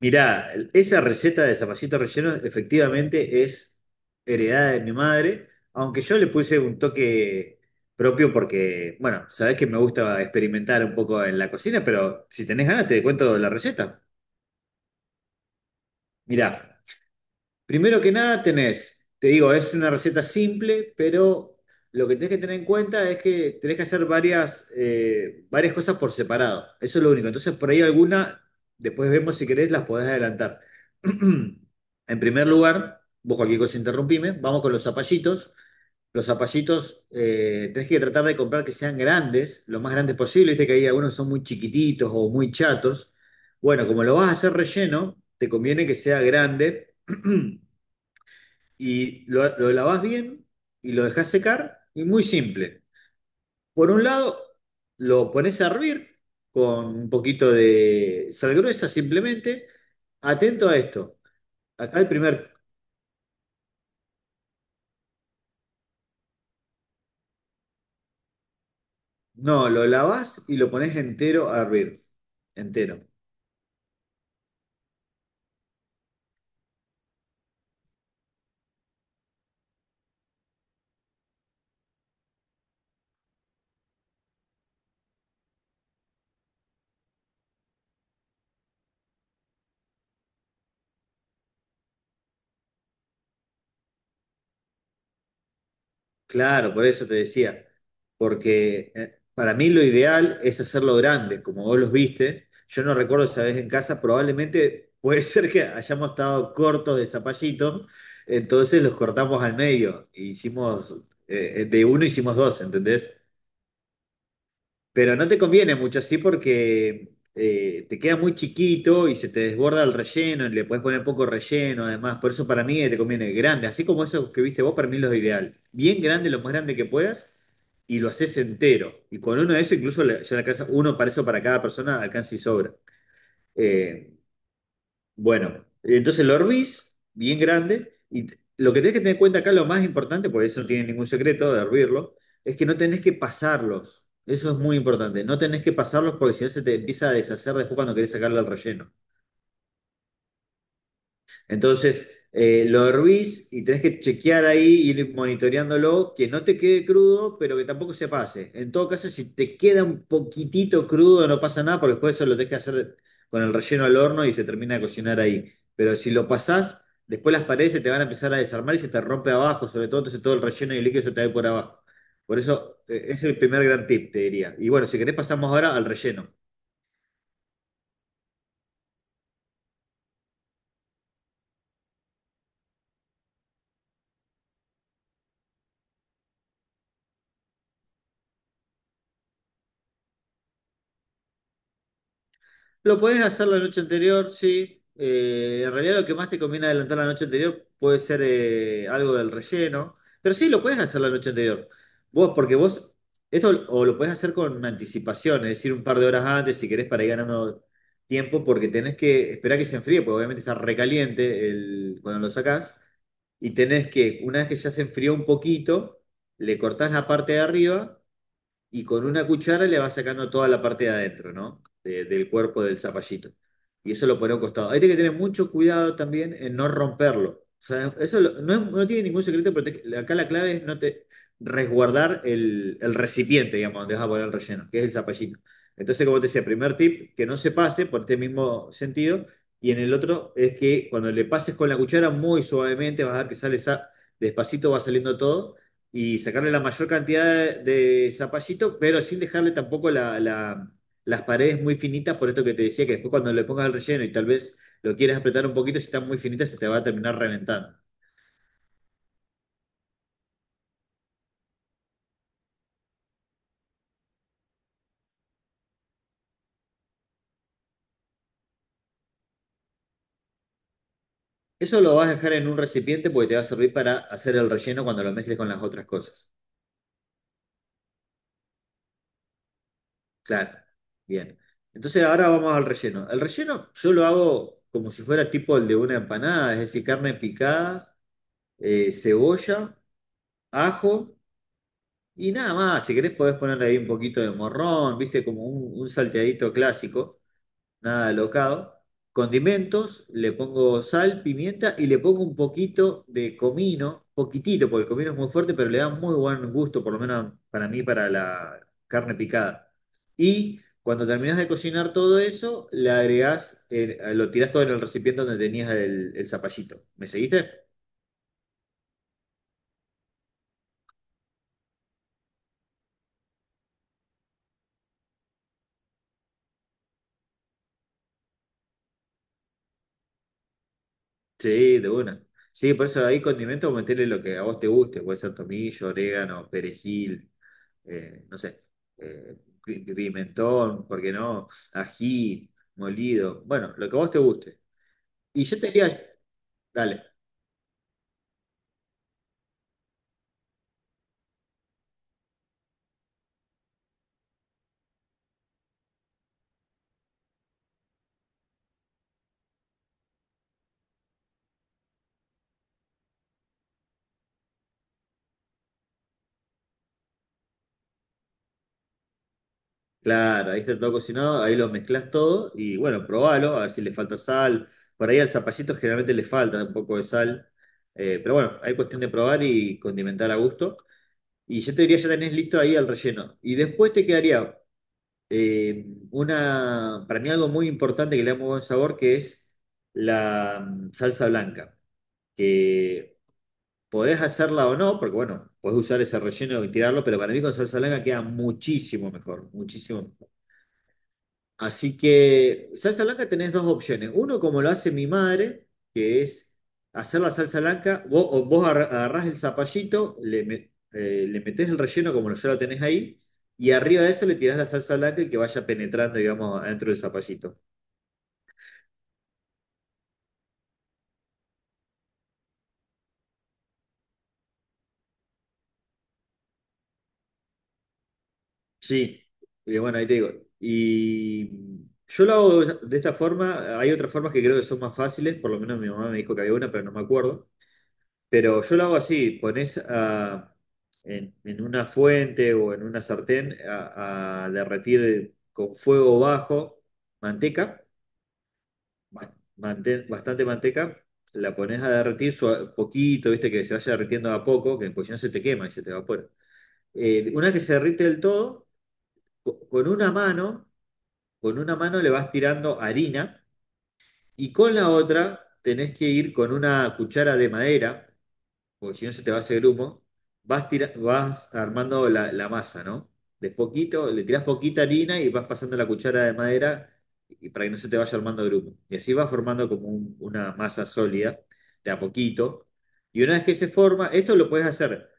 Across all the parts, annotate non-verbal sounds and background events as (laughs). Mirá, esa receta de zapallito relleno efectivamente es heredada de mi madre, aunque yo le puse un toque propio porque, bueno, sabés que me gusta experimentar un poco en la cocina, pero si tenés ganas te cuento la receta. Mirá. Primero que nada tenés, te digo, es una receta simple, pero lo que tenés que tener en cuenta es que tenés que hacer varias cosas por separado. Eso es lo único. Entonces, por ahí alguna, después vemos si querés, las podés adelantar. (clears throat) En primer lugar, vos cualquier cosa interrumpime, vamos con los zapallitos. Los zapallitos tenés que tratar de comprar que sean grandes, lo más grandes posible. Viste que ahí algunos son muy chiquititos o muy chatos. Bueno, como lo vas a hacer relleno, te conviene que sea grande. (clears throat) Y lo lavas bien y lo dejas secar. Y muy simple. Por un lado, lo pones a hervir con un poquito de sal gruesa simplemente. Atento a esto. Acá el primer, no, lo lavas y lo pones entero a hervir. Entero. Claro, por eso te decía, porque para mí lo ideal es hacerlo grande, como vos los viste. Yo no recuerdo esa vez en casa, probablemente puede (laughs) ser que hayamos estado cortos de zapallito, entonces los cortamos al medio, e hicimos, de uno hicimos dos, ¿entendés? Pero no te conviene mucho así porque te queda muy chiquito y se te desborda el relleno, y le puedes poner poco relleno además. Por eso para mí te conviene grande, así como esos que viste vos, para mí los ideal. Bien grande, lo más grande que puedas, y lo haces entero. Y con uno de esos, incluso ya le alcanza uno para eso para cada persona, alcanza y sobra. Eh, bueno, entonces lo hervís bien grande y lo que tenés que tener en cuenta acá, lo más importante, porque eso no tiene ningún secreto de hervirlo, es que no tenés que pasarlos. Eso es muy importante. No tenés que pasarlos porque si no se te empieza a deshacer después cuando querés sacarle el relleno. Entonces, lo hervís y tenés que chequear ahí, ir monitoreándolo, que no te quede crudo, pero que tampoco se pase. En todo caso, si te queda un poquitito crudo, no pasa nada, porque después eso lo tenés que hacer con el relleno al horno y se termina de cocinar ahí. Pero si lo pasás, después las paredes se te van a empezar a desarmar y se te rompe abajo, sobre todo, entonces todo el relleno y el líquido se te va a ir por abajo. Por eso, es el primer gran tip, te diría. Y bueno, si querés pasamos ahora al relleno. Lo podés hacer la noche anterior, sí. En realidad lo que más te conviene adelantar la noche anterior puede ser algo del relleno, pero sí, lo podés hacer la noche anterior. Vos, porque vos, esto o lo podés hacer con anticipación, es decir, un par de horas antes si querés para ir ganando tiempo, porque tenés que esperar que se enfríe, porque obviamente está recaliente el, cuando lo sacás, y tenés que, una vez que ya se enfrió un poquito, le cortás la parte de arriba y con una cuchara le va sacando toda la parte de adentro, ¿no? De- del cuerpo del zapallito. Y eso lo pone a un costado. Hay que tener mucho cuidado también en no romperlo. O sea, eso lo- no, es- no tiene ningún secreto, pero acá la clave es no te resguardar el recipiente, digamos, donde vas a poner el relleno, que es el zapallito. Entonces, como te decía, primer tip, que no se pase por este mismo sentido. Y en el otro es que cuando le pases con la cuchara muy suavemente, vas a ver que despacito, va saliendo todo y sacarle la mayor cantidad de zapallito, pero sin dejarle tampoco las paredes muy finitas, por esto que te decía, que después cuando le pongas el relleno y tal vez lo quieras apretar un poquito, si están muy finitas se te va a terminar reventando. Eso lo vas a dejar en un recipiente porque te va a servir para hacer el relleno cuando lo mezcles con las otras cosas. Claro, bien. Entonces ahora vamos al relleno. El relleno yo lo hago como si fuera tipo el de una empanada, es decir, carne picada, cebolla, ajo. Y nada más, si querés podés ponerle ahí un poquito de morrón, viste, como un salteadito clásico, nada locado. Condimentos, le pongo sal, pimienta y le pongo un poquito de comino, poquitito, porque el comino es muy fuerte, pero le da muy buen gusto, por lo menos para mí, para la carne picada. Y cuando terminás de cocinar todo eso, le agregás, lo tirás todo en el recipiente donde tenías el zapallito. ¿Me seguiste? Sí, de una. Sí, por eso ahí condimento meterle lo que a vos te guste, puede ser tomillo, orégano, perejil, no sé, eh, pi- pimentón, ¿por qué no? Ají, molido, bueno, lo que a vos te guste. Y yo te diría, dale, claro, ahí está todo cocinado, ahí lo mezclás todo y bueno, probalo, a ver si le falta sal. Por ahí al zapallito generalmente le falta un poco de sal, pero bueno, hay cuestión de probar y condimentar a gusto. Y yo te diría, ya tenés listo ahí el relleno. Y después te quedaría eh, una, para mí algo muy importante que le da muy buen sabor, que es la salsa blanca, que podés hacerla o no, porque bueno, podés usar ese relleno y tirarlo, pero para mí con salsa blanca queda muchísimo mejor, muchísimo. Así que salsa blanca tenés dos opciones. Uno, como lo hace mi madre, que es hacer la salsa blanca. Vos, o vos agarrás el zapallito, le metés el relleno como ya lo tenés ahí, y arriba de eso le tirás la salsa blanca y que vaya penetrando, digamos, adentro del zapallito. Sí. Y bueno, ahí te digo. Y yo lo hago de esta forma. Hay otras formas que creo que son más fáciles, por lo menos mi mamá me dijo que había una, pero no me acuerdo. Pero yo lo hago así, en una fuente o en una sartén a derretir con fuego bajo manteca, bastante manteca, la pones a derretir poquito, viste que se vaya derritiendo a poco, que pues si no se te quema y se te evapora. Una vez que se derrite del todo, co- con una mano, con una mano le vas tirando harina y con la otra tenés que ir con una cuchara de madera porque si no se te va ese grumo, vas armando la masa, ¿no? De poquito, le tirás poquita harina y vas pasando la cuchara de madera y para que no se te vaya armando grumo. Y así vas formando como una masa sólida, de a poquito. Y una vez que se forma, esto lo puedes hacer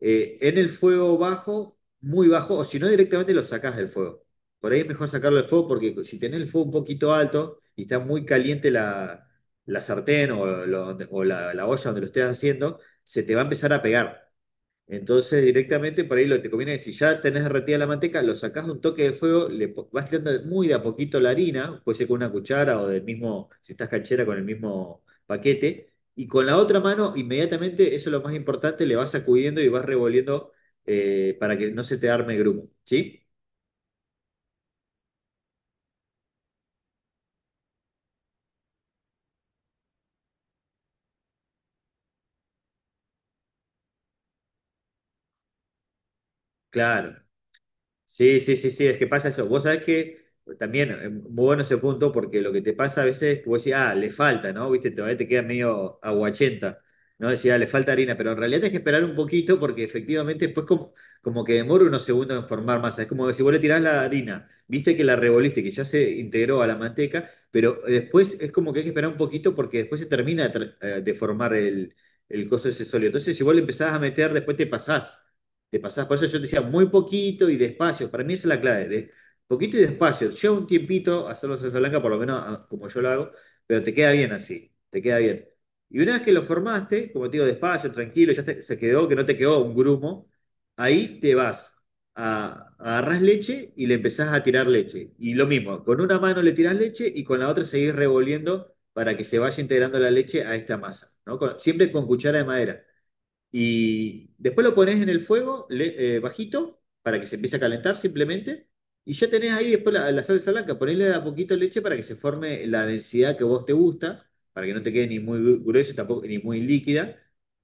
en el fuego bajo, muy bajo, o si no directamente lo sacás del fuego. Por ahí es mejor sacarlo del fuego porque si tenés el fuego un poquito alto y está muy caliente la, la sartén o, o la la olla donde lo estés haciendo, se te va a empezar a pegar. Entonces, directamente por ahí lo que te conviene es si ya tenés derretida la manteca, lo sacás de un toque de fuego, vas tirando muy de a poquito la harina, puede ser con una cuchara o del mismo, si estás canchera, con el mismo paquete, y con la otra mano, inmediatamente, eso es lo más importante, le vas sacudiendo y vas revolviendo para que no se te arme grumo. ¿Sí? Claro. Sí, sí, sí, sí, es que pasa eso. Vos sabés que muy bueno ese punto, porque lo que te pasa a veces es que vos decís, ah, le falta, ¿no? Viste, todavía te queda medio aguachenta, ¿no? Decís, ah, le falta harina, pero en realidad tenés que esperar un poquito porque efectivamente como que demora unos segundos en formar masa. Es como que si vos le tirás la harina, viste que la revoliste, que ya se integró a la manteca, pero después es como que hay que esperar un poquito porque después se termina de formar el coso ese sólido. Entonces, si vos le empezás a meter, después te pasás. Te pasás, por eso yo te decía muy poquito y despacio. Para mí esa es la clave, de poquito y despacio. Lleva un tiempito hacerlo salsa blanca, por lo menos ah, como yo lo hago, pero te queda bien así, te queda bien. Y una vez que lo formaste, como te digo, despacio, tranquilo, ya se quedó, que no te quedó un grumo, ahí te vas, a, agarrás leche y le empezás a tirar leche. Y lo mismo, con una mano le tirás leche y con la otra seguís revolviendo para que se vaya integrando la leche a esta masa, ¿no? Siempre con cuchara de madera. Y después lo pones en el fuego bajito para que se empiece a calentar simplemente. Y ya tenés ahí después la salsa blanca. Ponele de a poquito leche para que se forme la densidad que vos te gusta, para que no te quede ni muy gruesa tampoco, ni muy líquida.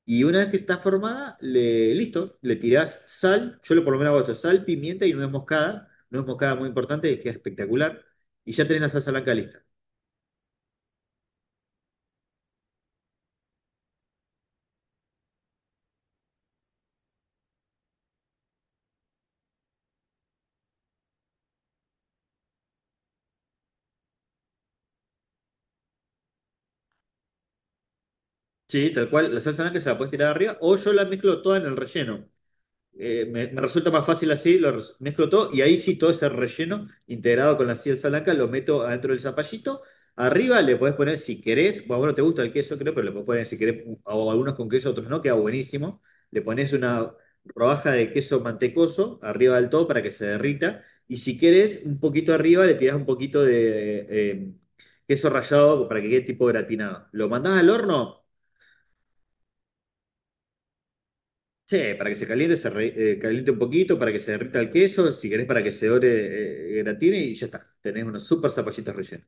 Y una vez que está formada, le, listo, le tirás sal. Yo lo por lo menos hago esto: sal, pimienta y nuez moscada. Nuez moscada muy importante, queda espectacular. Y ya tenés la salsa blanca lista. Sí, tal cual, la salsa blanca se la puedes tirar arriba o yo la mezclo toda en el relleno. Me resulta más fácil así, mezclo todo y ahí sí todo ese relleno integrado con la salsa blanca lo meto adentro del zapallito. Arriba le podés poner si querés, bueno, no te gusta el queso, creo, pero le podés poner si querés, o algunos con queso, otros no, queda buenísimo. Le pones una rodaja de queso mantecoso arriba del todo para que se derrita. Y si querés, un poquito arriba le tirás un poquito de queso rallado para que quede tipo gratinado. Lo mandás al horno. Sí, para que se caliente, caliente un poquito, para que se derrita el queso, si querés para que se ore, gratine y ya está. Tenés unos super zapallitos rellenos.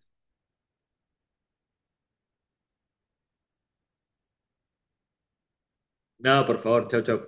No, por favor, chau, chau.